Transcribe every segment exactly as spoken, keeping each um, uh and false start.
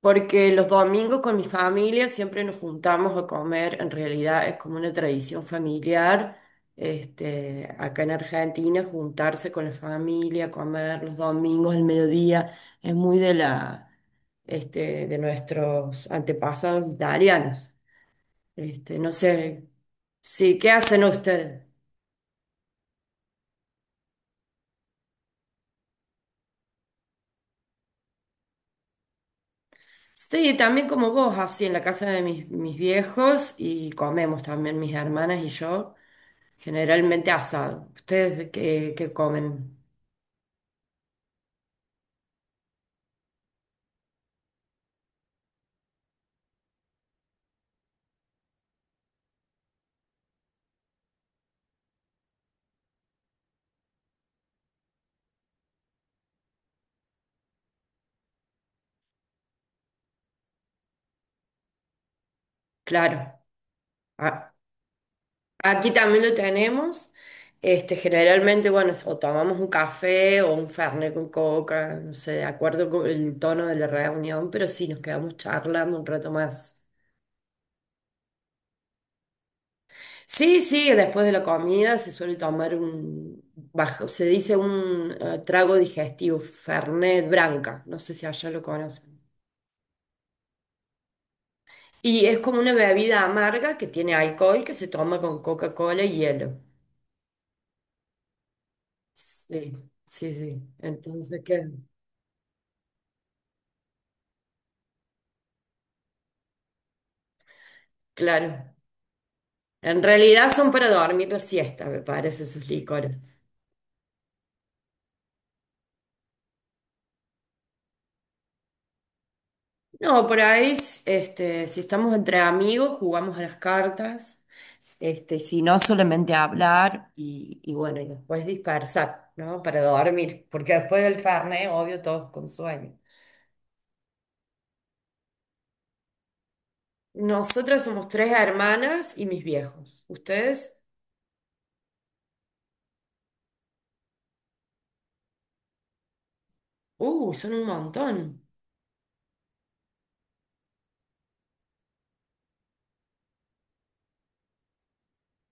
Porque los domingos con mi familia siempre nos juntamos a comer, en realidad es como una tradición familiar, este, acá en Argentina, juntarse con la familia, comer los domingos al mediodía, es muy de la, este, de nuestros antepasados italianos. Este, no sé, sí, ¿qué hacen ustedes? Estoy también como vos, así en la casa de mis, mis viejos y comemos también mis hermanas y yo. Generalmente asado. ¿Ustedes qué, qué comen? Claro. A- aquí también lo tenemos. Este, generalmente, bueno, o tomamos un café o un fernet con coca, no sé, de acuerdo con el tono de la reunión, pero sí, nos quedamos charlando un rato más. Sí, sí, después de la comida se suele tomar un bajo, se dice un eh, trago digestivo, fernet branca. No sé si allá lo conocen. Y es como una bebida amarga que tiene alcohol que se toma con Coca-Cola y hielo. Sí, sí, sí. Entonces, ¿qué? Claro. En realidad son para dormir la siesta, me parece, sus licores. No, por ahí, este, si estamos entre amigos, jugamos a las cartas. Este, si no, solamente hablar y, y bueno, y después dispersar, ¿no? Para dormir, porque después del Fernet, obvio, todos con sueño. Nosotras somos tres hermanas y mis viejos. ¿Ustedes? Uh, son un montón.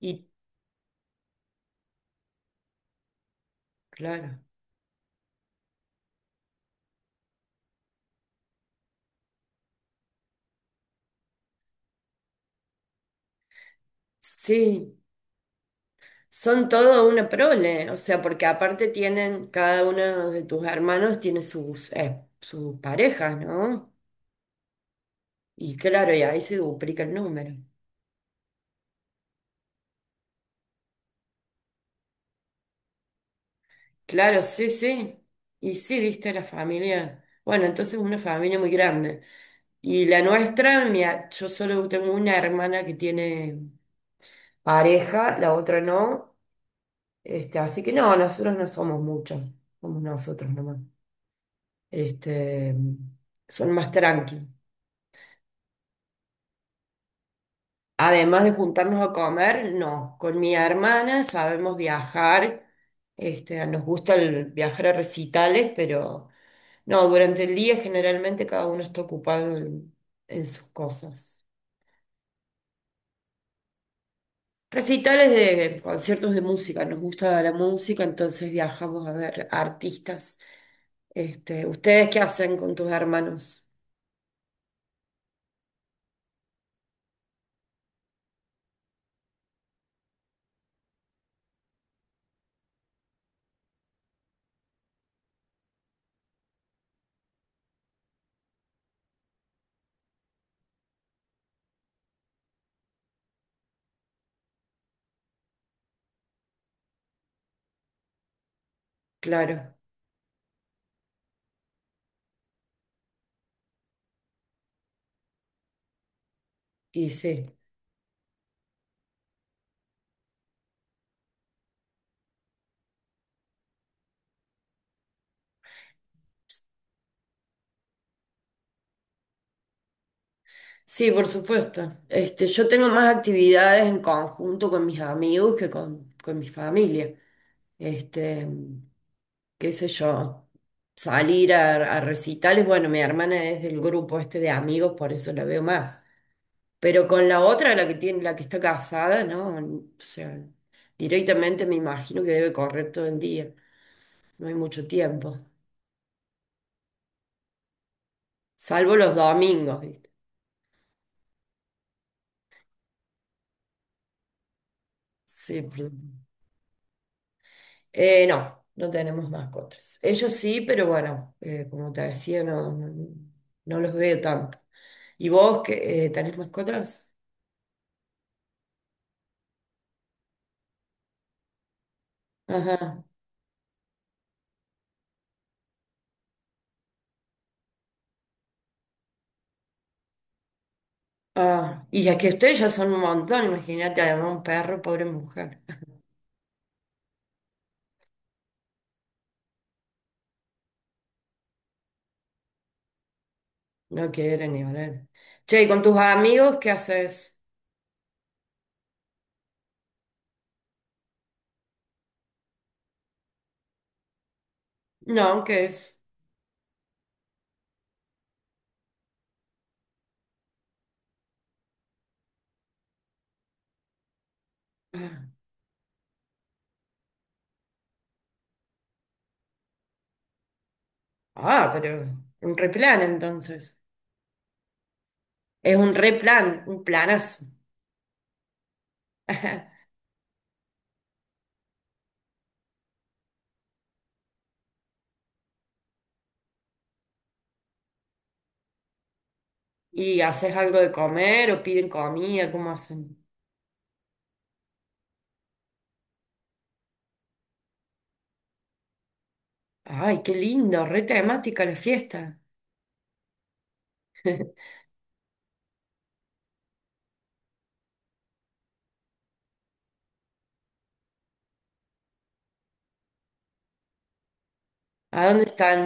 Y claro, sí, son todo una prole, o sea, porque aparte tienen, cada uno de tus hermanos tiene sus, eh, sus parejas, ¿no? Y claro, y ahí se duplica el número. Claro, sí, sí. Y sí, viste la familia. Bueno, entonces una familia muy grande. Y la nuestra, mi a- yo solo tengo una hermana que tiene pareja, la otra no. Este, así que no, nosotros no somos muchos, somos nosotros nomás. Este, son más tranqui. Además de juntarnos a comer, no. Con mi hermana sabemos viajar. Este, nos gusta el viajar a recitales, pero no, durante el día generalmente cada uno está ocupado en, en sus cosas. Recitales de conciertos de música, nos gusta la música, entonces viajamos a ver artistas. Este, ¿ustedes qué hacen con tus hermanos? Claro, y sí. Sí, por supuesto. Este, yo tengo más actividades en conjunto con mis amigos que con, con mi familia. Este, qué sé yo, salir a, a recitales, bueno, mi hermana es del grupo este de amigos, por eso la veo más. Pero con la otra, la que tiene, la que está casada, ¿no? O sea, directamente me imagino que debe correr todo el día. No hay mucho tiempo. Salvo los domingos, ¿viste? Sí, perdón. Eh, no, no tenemos mascotas. Ellos sí, pero bueno, eh, como te decía, no, no, no los veo tanto. ¿Y vos que eh, tenés mascotas? Ajá. Ah, y ya que ustedes ya son un montón, imagínate, además un perro, pobre mujer. No quiere ni hablar. Che, ¿y con tus amigos qué haces? No, ¿qué es? Ah, ah, pero un replan entonces. Es un replan, un planazo. ¿Y haces algo de comer o piden comida? ¿Cómo hacen? Ay, qué lindo, re temática la fiesta. ¿A dónde están?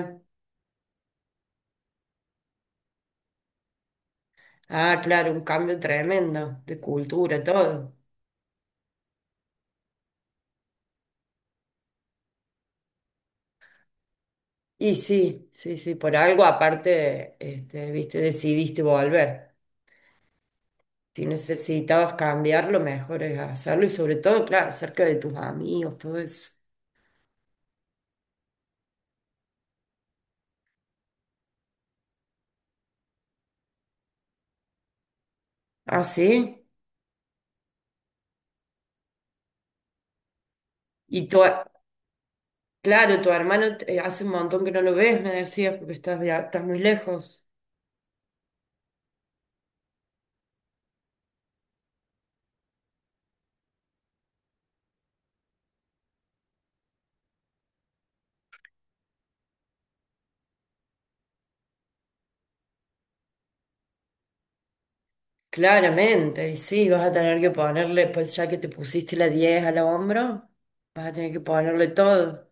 Ah, claro, un cambio tremendo de cultura, todo. Y sí, sí, sí, por algo aparte, este, viste, decidiste volver. Si necesitabas cambiar, lo mejor es hacerlo y sobre todo, claro, cerca de tus amigos, todo eso. Ah, sí. Y tu, claro, tu hermano eh, hace un montón que no lo ves, me decías, porque estás, via- estás muy lejos. Claramente, y sí, vas a tener que ponerle, pues ya que te pusiste la diez al hombro, vas a tener que ponerle todo,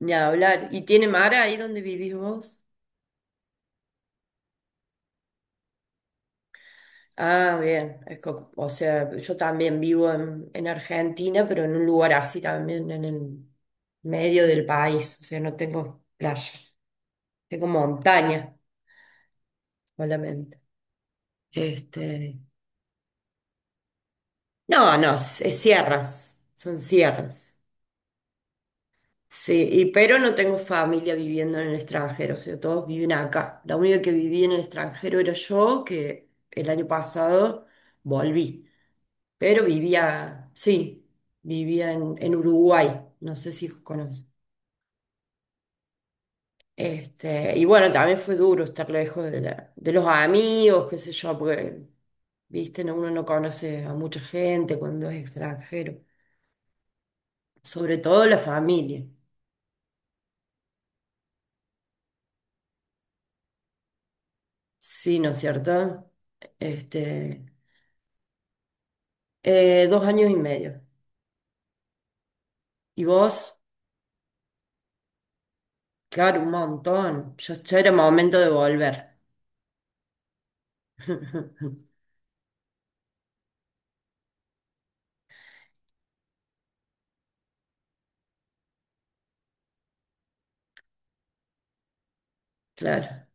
ni hablar. ¿Y tiene mar ahí donde vivís vos? Ah, bien, es co- o sea, yo también vivo en, en Argentina, pero en un lugar así también, en el medio del país, o sea, no tengo playa, tengo montaña solamente. Este, no, no, es es sierras, son sierras. Sí, y pero no tengo familia viviendo en el extranjero, o sea, todos viven acá. La única que vivía en el extranjero era yo, que el año pasado volví, pero vivía, sí, vivía en, en Uruguay, no sé si conoces. Este, y bueno, también fue duro estar lejos de la- de los amigos, qué sé yo, porque, viste, no- uno no conoce a mucha gente cuando es extranjero, sobre todo la familia. Sí, ¿no es cierto? Este, Eh, dos años y medio. ¿Y vos? Claro, un montón. Yo ya era momento de volver. Claro.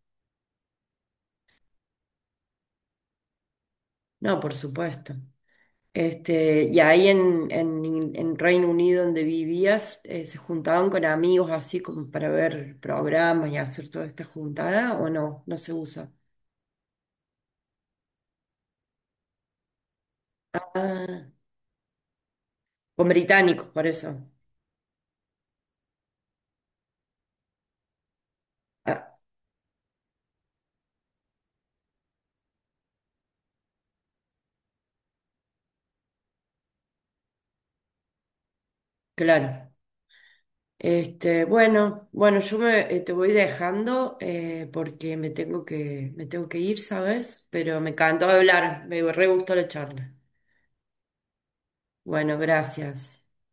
No, por supuesto. Este, y ahí en, en, en Reino Unido donde vivías, eh, ¿se juntaban con amigos así como para ver programas y hacer toda esta juntada o no? No se usa. Ah, con británicos, por eso. Ah, claro. Este, bueno, bueno, yo me, eh, te voy dejando eh, porque me tengo que, me tengo que ir, ¿sabes? Pero me encantó hablar, me re gustó la charla. Bueno, gracias.